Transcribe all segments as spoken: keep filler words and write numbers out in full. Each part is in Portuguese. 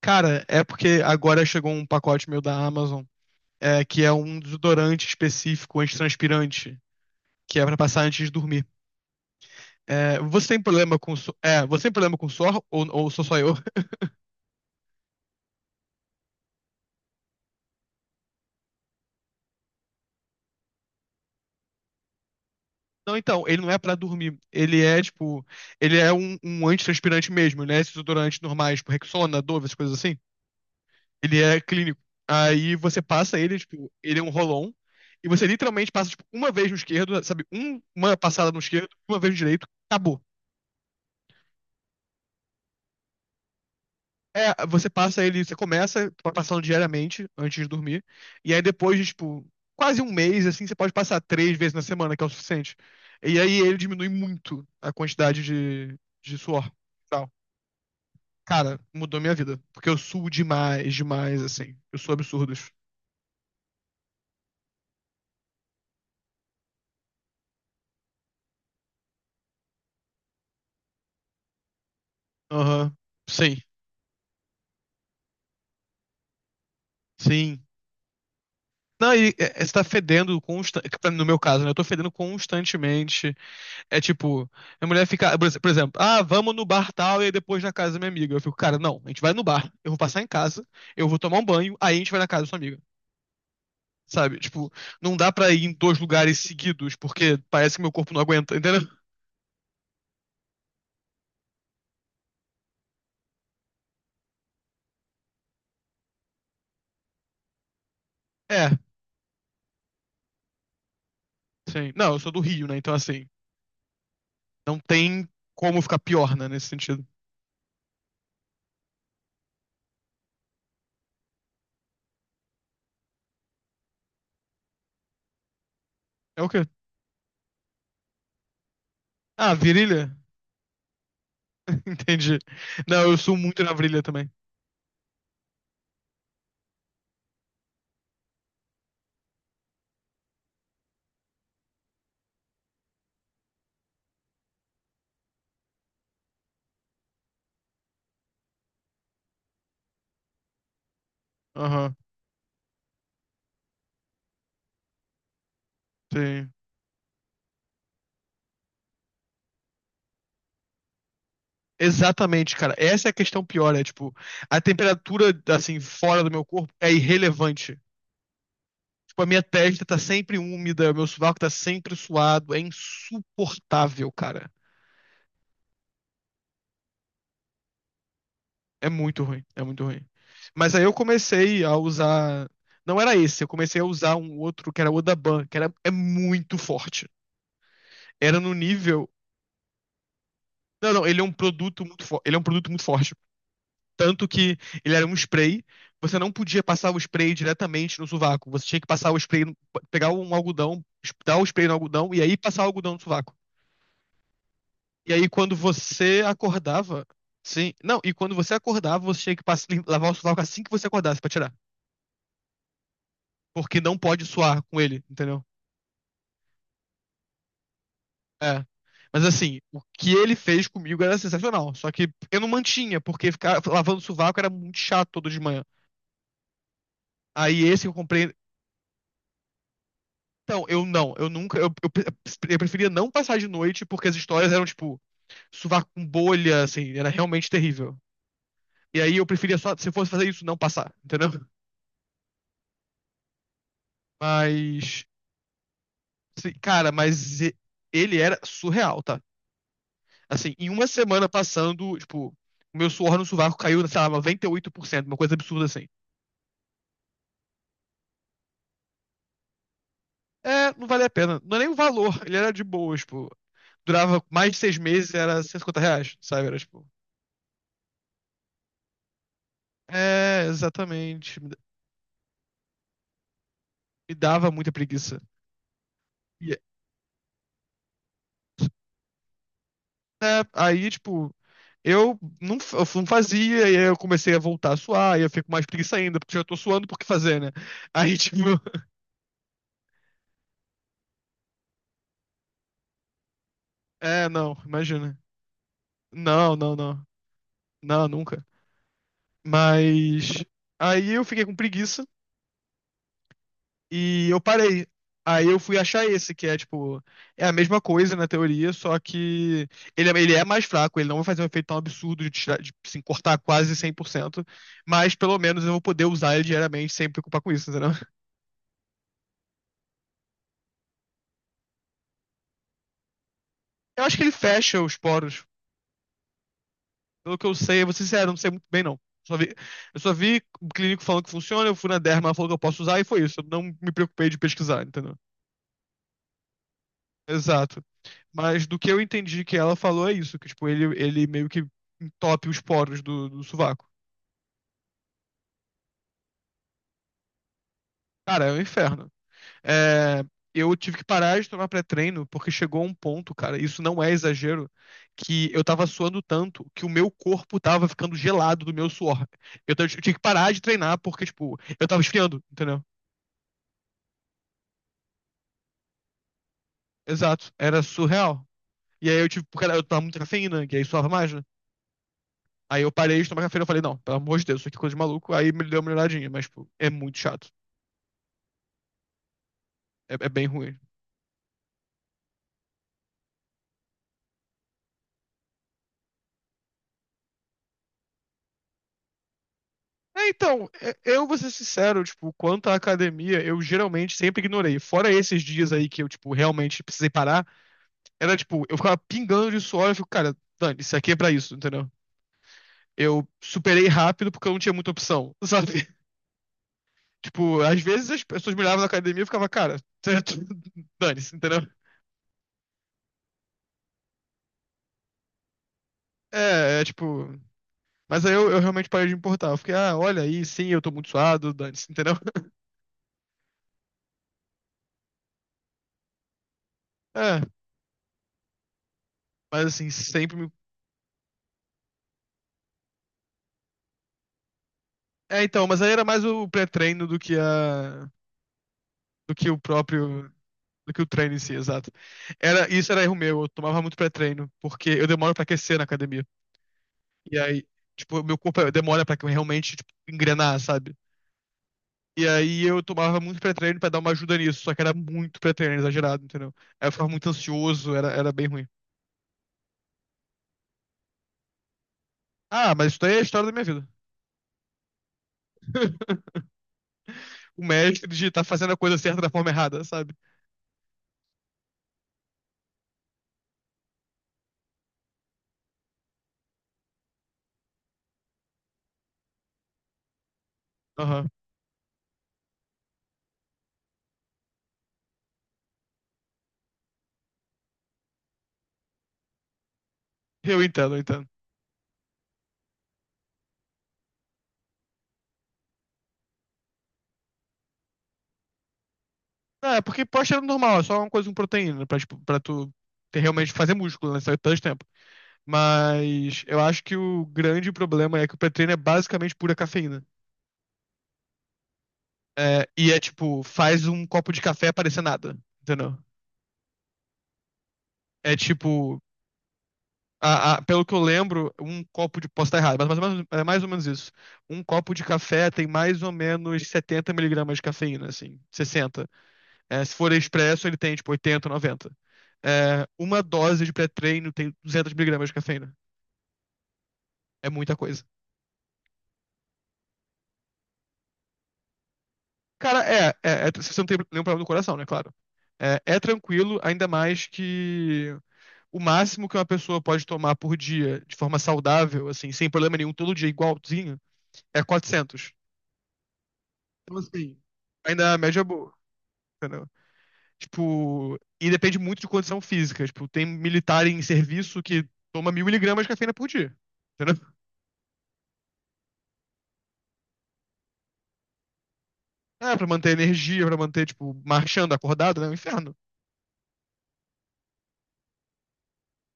Cara, é porque agora chegou um pacote meu da Amazon, é, que é um desodorante específico antitranspirante, que é pra passar antes de dormir. É, você tem problema com su- é, você tem problema com suor ou, ou sou só eu? Não, então, ele não é pra dormir. Ele é tipo, ele é um, um antitranspirante mesmo, né? Esses desodorantes normais, tipo Rexona, Dove, essas coisas assim. Ele é clínico. Aí você passa ele, tipo, ele é um roll-on e você literalmente passa tipo uma vez no esquerdo, sabe? Um- uma passada no esquerdo, uma vez no direito, acabou. É, você passa ele, você começa passando diariamente antes de dormir, e aí depois de, tipo, quase um mês, assim, você pode passar três vezes na semana, que é o suficiente. E aí ele diminui muito a quantidade de, de suor. Tal. Cara, mudou minha vida, porque eu suo demais, demais, assim. Eu sou absurdos. Aham, Sim, sim. Não, e é, é, você tá fedendo constantemente, no meu caso, né? Eu tô fedendo constantemente. É tipo, minha mulher fica, por ex- por exemplo, ah, vamos no bar tal e aí depois na casa da minha amiga. Eu fico, cara, não, a gente vai no bar, eu vou passar em casa, eu vou tomar um banho, aí a gente vai na casa da sua amiga. Sabe? Tipo, não dá pra ir em dois lugares seguidos, porque parece que meu corpo não aguenta, entendeu? É, sim. Não, eu sou do Rio, né? Então, assim, não tem como ficar pior, né, nesse sentido. É o quê? Ah, virilha? Entendi. Não, eu sou muito na virilha também. Aham, sim. Exatamente, cara. Essa é a questão pior, é tipo, a temperatura, assim, fora do meu corpo é irrelevante. Tipo, a minha testa tá sempre úmida, meu sovaco tá sempre suado, é insuportável, cara. É muito ruim, é muito ruim. Mas aí eu comecei a usar, não era esse, eu comecei a usar um outro que era o Odaban, que era é muito forte. Era no nível, não, não, ele é um produto muito forte, ele é um produto muito forte. Tanto que ele era um spray, você não podia passar o spray diretamente no sovaco. Você tinha que passar o spray, no- pegar um algodão, dar o spray no algodão e aí passar o algodão no sovaco. E aí quando você acordava, sim, não, e quando você acordava, você tinha que passar, lavar o sovaco assim que você acordasse pra tirar, porque não pode suar com ele, entendeu? É. Mas assim, o que ele fez comigo era sensacional. Só que eu não mantinha, porque ficar lavando o sovaco era muito chato todo de manhã. Aí esse que eu comprei, Então, eu não, eu nunca, eu, eu, pre- eu preferia não passar de noite porque as histórias eram, tipo, sovaco com bolha, assim, era realmente terrível. E aí eu preferia só, se eu fosse fazer isso, não passar, entendeu? Mas, se- cara, mas e- ele era surreal, tá? Assim, em uma semana passando, tipo, o meu suor no sovaco caiu, sei lá, noventa e oito por cento, uma coisa absurda assim. É, não vale a pena, não é nem o valor, ele era de boa, tipo, durava mais de seis meses, era cento e cinquenta reais, sabe? Era, tipo, é, exatamente, me dava muita preguiça. E, né, aí, tipo, eu não, f- eu não fazia, e aí eu comecei a voltar a suar, e eu fico mais preguiça ainda, porque eu já tô suando, por que fazer, né? Aí, tipo, é, não, imagina. Não, não, não. Não, nunca. Mas aí eu fiquei com preguiça e eu parei. Aí eu fui achar esse, que é tipo, é a mesma coisa na teoria, só que ele, é- ele é mais fraco, ele não vai fazer um efeito tão absurdo de, tirar, de assim, cortar quase cem por cento, mas pelo menos eu vou poder usar ele diariamente sem me preocupar com isso. Eu acho que ele fecha os poros. Pelo que eu sei, eu vou ser sincero, eu não sei muito bem, não. Só vi, eu só vi o clínico falando que funciona, eu fui na derma, ela falou que eu posso usar e foi isso. Eu não me preocupei de pesquisar, entendeu? Exato. Mas do que eu entendi que ela falou é isso, que tipo, ele, ele meio que entope os poros do, do sovaco. Cara, é um inferno. É, eu tive que parar de tomar pré-treino porque chegou um ponto, cara, isso não é exagero, que eu tava suando tanto que o meu corpo tava ficando gelado do meu suor. Eu, t- eu tinha que parar de treinar porque, tipo, eu tava esfriando, entendeu? Exato, era surreal. E aí eu tive, porque eu tomava muita cafeína, e aí suava mais, né? Aí eu parei de tomar cafeína, e falei, não, pelo amor de Deus, isso aqui é coisa de maluco. Aí me deu uma melhoradinha, mas, tipo, é muito chato. É, é bem ruim. É, então, é- eu vou ser sincero, tipo, quanto à academia, eu geralmente sempre ignorei. Fora esses dias aí que eu, tipo, realmente precisei parar, era tipo, eu ficava pingando de suor, eu fico, cara, Dani, isso aqui é pra isso, entendeu? Eu superei rápido porque eu não tinha muita opção, sabe? Tipo, às vezes as pessoas me olhavam na academia e eu ficava, cara, dane-se, entendeu? É, é tipo. Mas aí eu, eu realmente parei de me importar. Eu fiquei, ah, olha aí, sim, eu tô muito suado, dane-se, entendeu? É, mas assim, sempre me. É, então, mas aí era mais o pré-treino do que a do que o próprio, do que o treino em si, exato. Era, isso era erro meu, eu tomava muito pré-treino, porque eu demoro pra aquecer na academia. E aí, tipo, meu corpo demora pra que eu realmente, tipo, engrenar, sabe? E aí eu tomava muito pré-treino pra dar uma ajuda nisso, só que era muito pré-treino, exagerado, entendeu? Aí eu ficava muito ansioso, era, era bem ruim. Ah, mas isso daí é a história da minha vida. O mestre de tá fazendo a coisa certa da forma errada, sabe? Aham. Eu entendo, eu entendo. Ah, é porque pós-treino normal, é só uma coisa com proteína, pra, tipo, pra tu ter- realmente fazer músculo, né? Só que tanto tempo. Mas eu acho que o grande problema é que o pré-treino é basicamente pura cafeína. É, e é tipo, faz um copo de café parecer nada, entendeu? É tipo, a- a- pelo que eu lembro, um copo de. Posso estar errado, mas mais ou menos, é mais ou menos isso. Um copo de café tem mais ou menos setenta miligramas de cafeína, assim, sessenta. É, se for expresso, ele tem tipo oitenta, noventa. É, uma dose de pré-treino tem duzentos miligramas de cafeína. É muita coisa. Cara, é, é, é- se você não tem nenhum problema no coração, né? Claro. É, é tranquilo, ainda mais que o máximo que uma pessoa pode tomar por dia de forma saudável, assim, sem problema nenhum, todo dia igualzinho, é quatrocentos. Então, assim, ainda é a média é boa, entendeu? Tipo, e depende muito de condição física. Tipo, tem militar em serviço que toma mil miligramas de cafeína por dia, entendeu? É, pra manter energia, pra manter, tipo, marchando, acordado, né? É um inferno.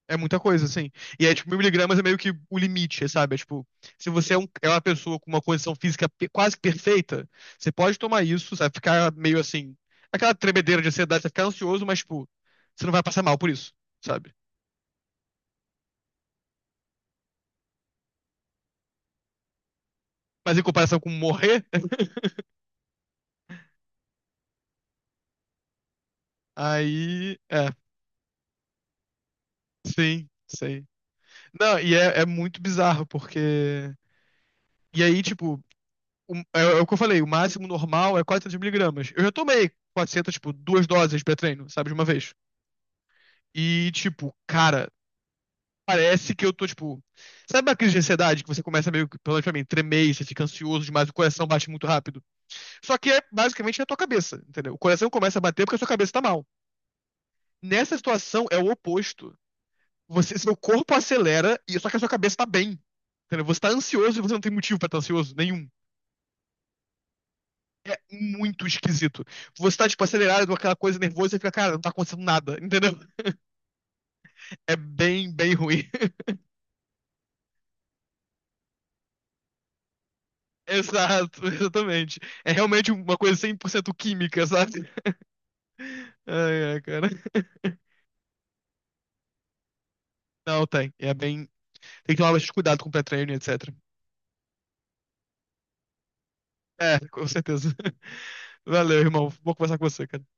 É muita coisa, assim. E aí, tipo, mil miligramas é meio que o limite, sabe? É, tipo, se você é, um- é uma pessoa com uma condição física pe- quase perfeita, você pode tomar isso, sabe? Ficar meio assim. Aquela tremedeira de ansiedade, você ficar ansioso, mas, tipo, você não vai passar mal por isso, sabe? Mas em comparação com morrer, aí. É, sim, sim. Não, e é, é muito bizarro, porque. E aí, tipo, o- é, é o que eu falei, o máximo normal é quatrocentos miligramas. Eu já tomei quatrocentos, tipo, duas doses pré-treino, sabe? De uma vez. E, tipo, cara, parece que eu tô, tipo. Sabe a crise de ansiedade que você começa meio que, pelo menos pra mim, tremer, e você fica ansioso demais, o coração bate muito rápido? Só que é basicamente na tua cabeça, entendeu? O coração começa a bater porque a sua cabeça tá mal. Nessa situação é o oposto. Você, seu corpo acelera, e só que a sua cabeça tá bem. Entendeu? Você tá ansioso e você não tem motivo pra estar ansioso nenhum. É muito esquisito. Você tá, tipo, acelerado, aquela coisa nervosa e fica, cara, não tá acontecendo nada, entendeu? É bem, bem ruim. Exato, exatamente. É realmente uma coisa cem por cento química, sabe? Ai, ai, cara. Não, tem. É bem. Tem que tomar bastante cuidado com o pré-treino, etcétera. É, com certeza. Valeu, irmão. Vou conversar com você, cara.